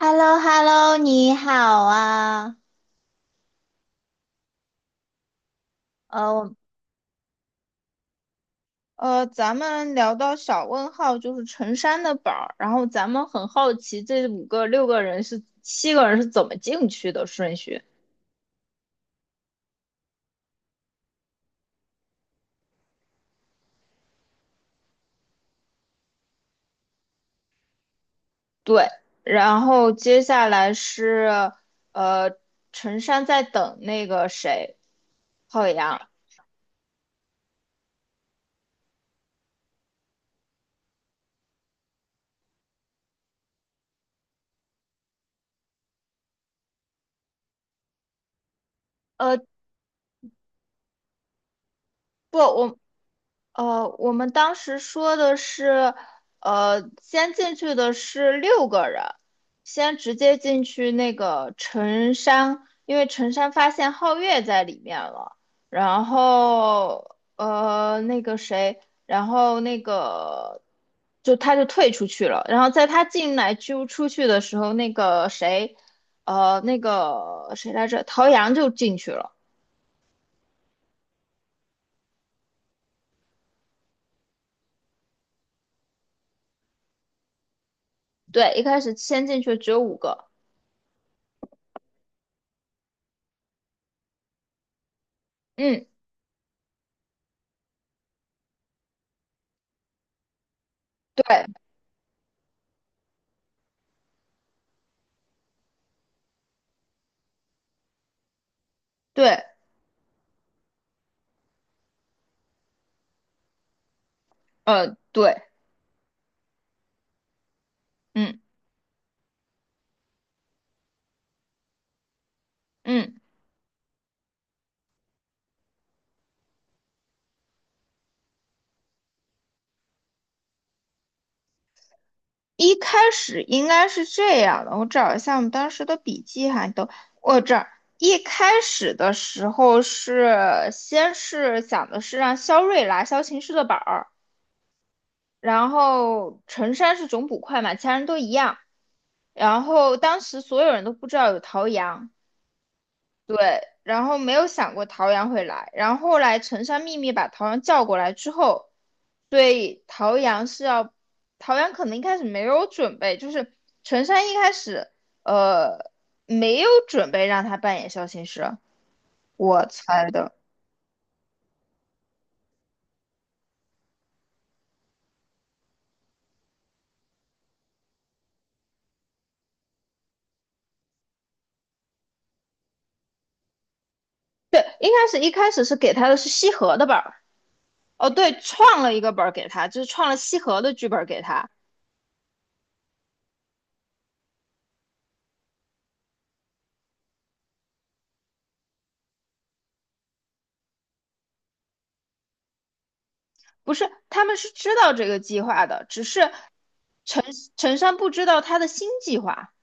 h e l l o h e l l o 你好啊。呃，我咱们聊到小问号就是陈山的宝儿，然后咱们很好奇这五个六个人是七个人是怎么进去的顺序？对，然后接下来是呃，陈山在等那个谁，浩洋。呃，不，我们当时说的是，先进去的是六个人，先直接进去那个陈山，因为陈山发现皓月在里面了，然后那个谁，然后那个就他就退出去了，然后在他进来就出去的时候，那个谁，那个谁来着，陶阳就进去了。对，一开始先进去只有五个，嗯，对。对，对，嗯嗯，一开始应该是这样的，我找一下我们当时的笔记哈，都我这儿一开始的时候是先是讲的是让肖瑞拿萧琴师的板儿，然后陈山是总捕快嘛，其他人都一样，然后当时所有人都不知道有陶阳。然后没有想过陶阳会来，然后后来陈山秘密把陶阳叫过来之后，对，陶阳是要，陶阳可能一开始没有准备，就是陈山一开始呃没有准备让他扮演肖琴师，我猜的，对，一开始是给他的是西河的本儿，哦对，创了一个本儿给他，就是创了西河的剧本儿给他，不是，他们是知道这个计划的，只是陈陈山不知道他的新计划。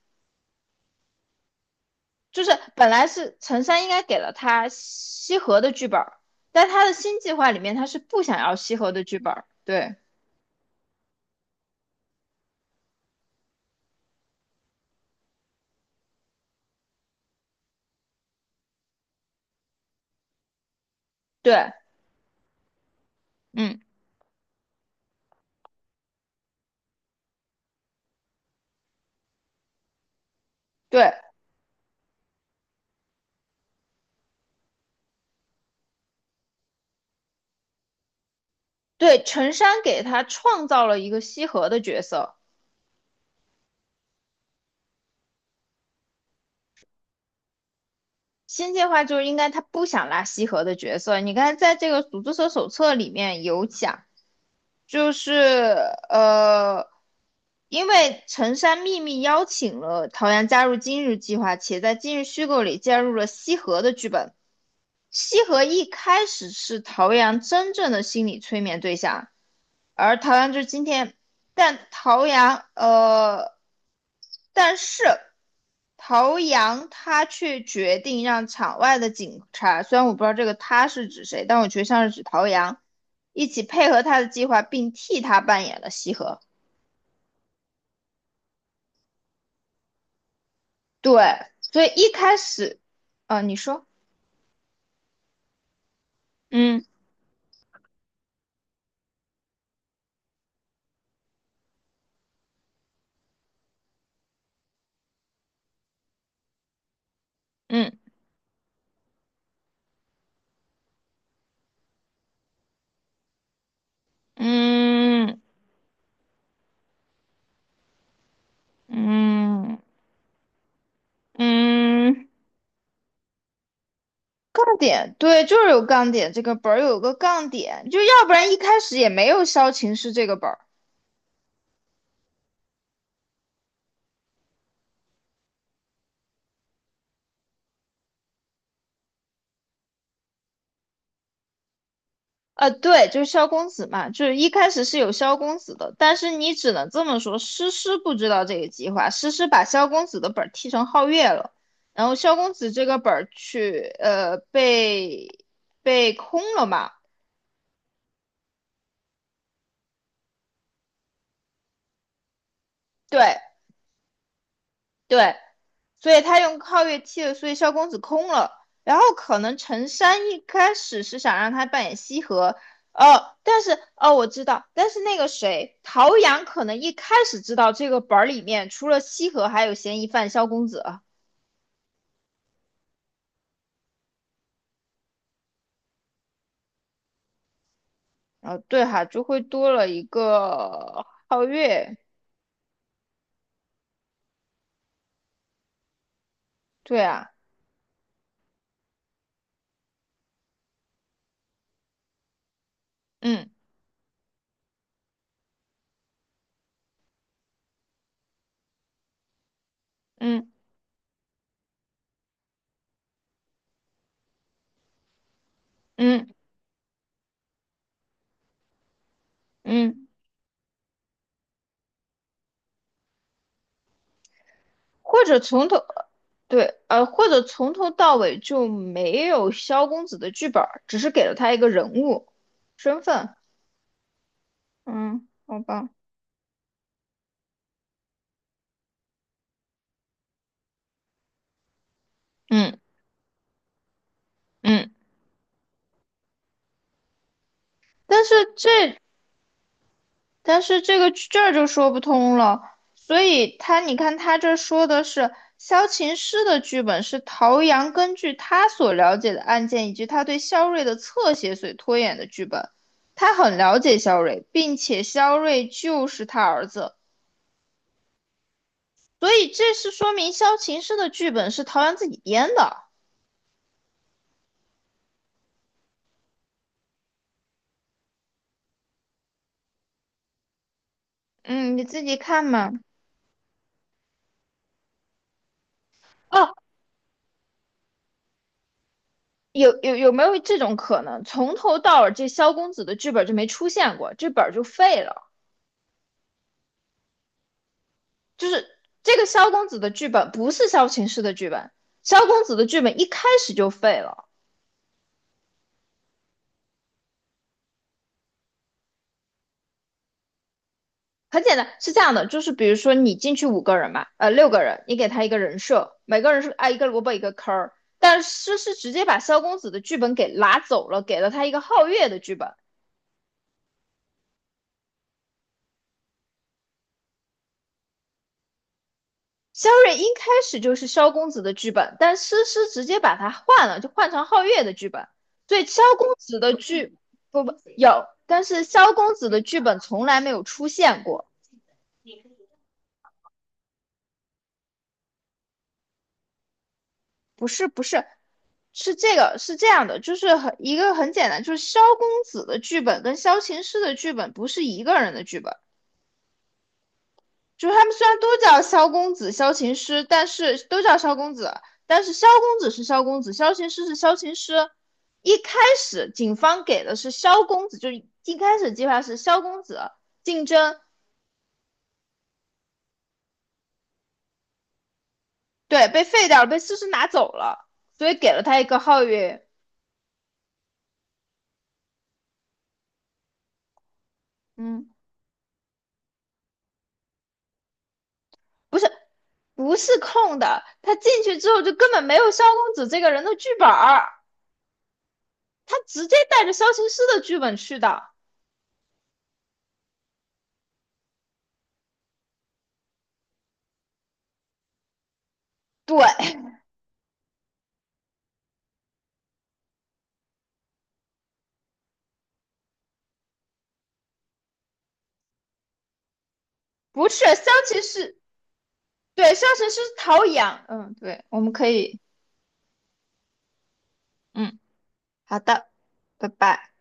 就是本来是陈山应该给了他西河的剧本，但他的新计划里面他是不想要西河的剧本。对对，嗯，对对，陈山给他创造了一个西河的角色。新计划就是应该他不想拉西河的角色。你看，在这个组织者手册里面有讲，就是呃，因为陈山秘密邀请了陶阳加入今日计划，且在今日虚构里加入了西河的剧本。西河一开始是陶阳真正的心理催眠对象，而陶阳就是今天，但陶阳呃，但是陶阳他却决定让场外的警察，虽然我不知道这个他是指谁，但我觉得像是指陶阳，一起配合他的计划，并替他扮演了西河。对，所以一开始，你说，嗯嗯嗯嗯嗯。嗯，杠点，对，就是有杠点，这个本儿有个杠点，就要不然一开始也没有萧晴是这个本儿，对，就是萧公子嘛，就是一开始是有萧公子的，但是你只能这么说，诗诗不知道这个计划，诗诗把萧公子的本儿踢成皓月了，然后萧公子这个本儿去，被空了嘛，对，对，所以他用皓月替了，所以萧公子空了。然后可能陈山一开始是想让他扮演西河，哦，但是哦我知道，但是那个谁陶阳可能一开始知道这个本儿里面除了西河还有嫌疑犯萧公子啊，然后对哈就会多了一个皓月，对啊，嗯嗯嗯嗯。或者从头，对，或者从头到尾就没有萧公子的剧本儿，只是给了他一个人物身份。嗯，好吧，嗯嗯，但是这但是这个这儿就说不通了。所以他，你看他这说的是萧琴师的剧本是陶阳根据他所了解的案件以及他对萧睿的侧写所拖延的剧本。他很了解萧睿，并且萧睿就是他儿子。所以这是说明萧琴师的剧本是陶阳自己编的。嗯，你自己看嘛。哦，有没有这种可能？从头到尾这萧公子的剧本就没出现过，这本就废了。就是这个萧公子的剧本不是萧琴师的剧本，萧公子的剧本一开始就废了。很简单，是这样的，就是比如说你进去五个人吧，六个人，你给他一个人设，每个人是挨一个萝卜一个坑儿。但是是直接把萧公子的剧本给拿走了，给了他一个皓月的剧本。肖瑞一开始就是萧公子的剧本，但诗诗直接把他换了，就换成皓月的剧本。所以萧公子的剧，不不，有，但是萧公子的剧本从来没有出现过。不是不是，是这个是这样的，就是很一个很简单，就是萧公子的剧本跟萧琴诗的剧本不是一个人的剧本。就是他们虽然都叫萧公子、萧琴师，但是都叫萧公子，但是萧公子是萧公子，萧琴师是萧琴师。一开始警方给的是萧公子，就一开始计划是萧公子竞争，对，被废掉了，被思思拿走了，所以给了他一个皓月，嗯，不是不是空的，他进去之后就根本没有萧公子这个人的剧本儿，他直接带着萧琴师的剧本去的，对，不是萧琴师。对，上神是陶养，嗯，对，我们可以，嗯，好的，拜拜。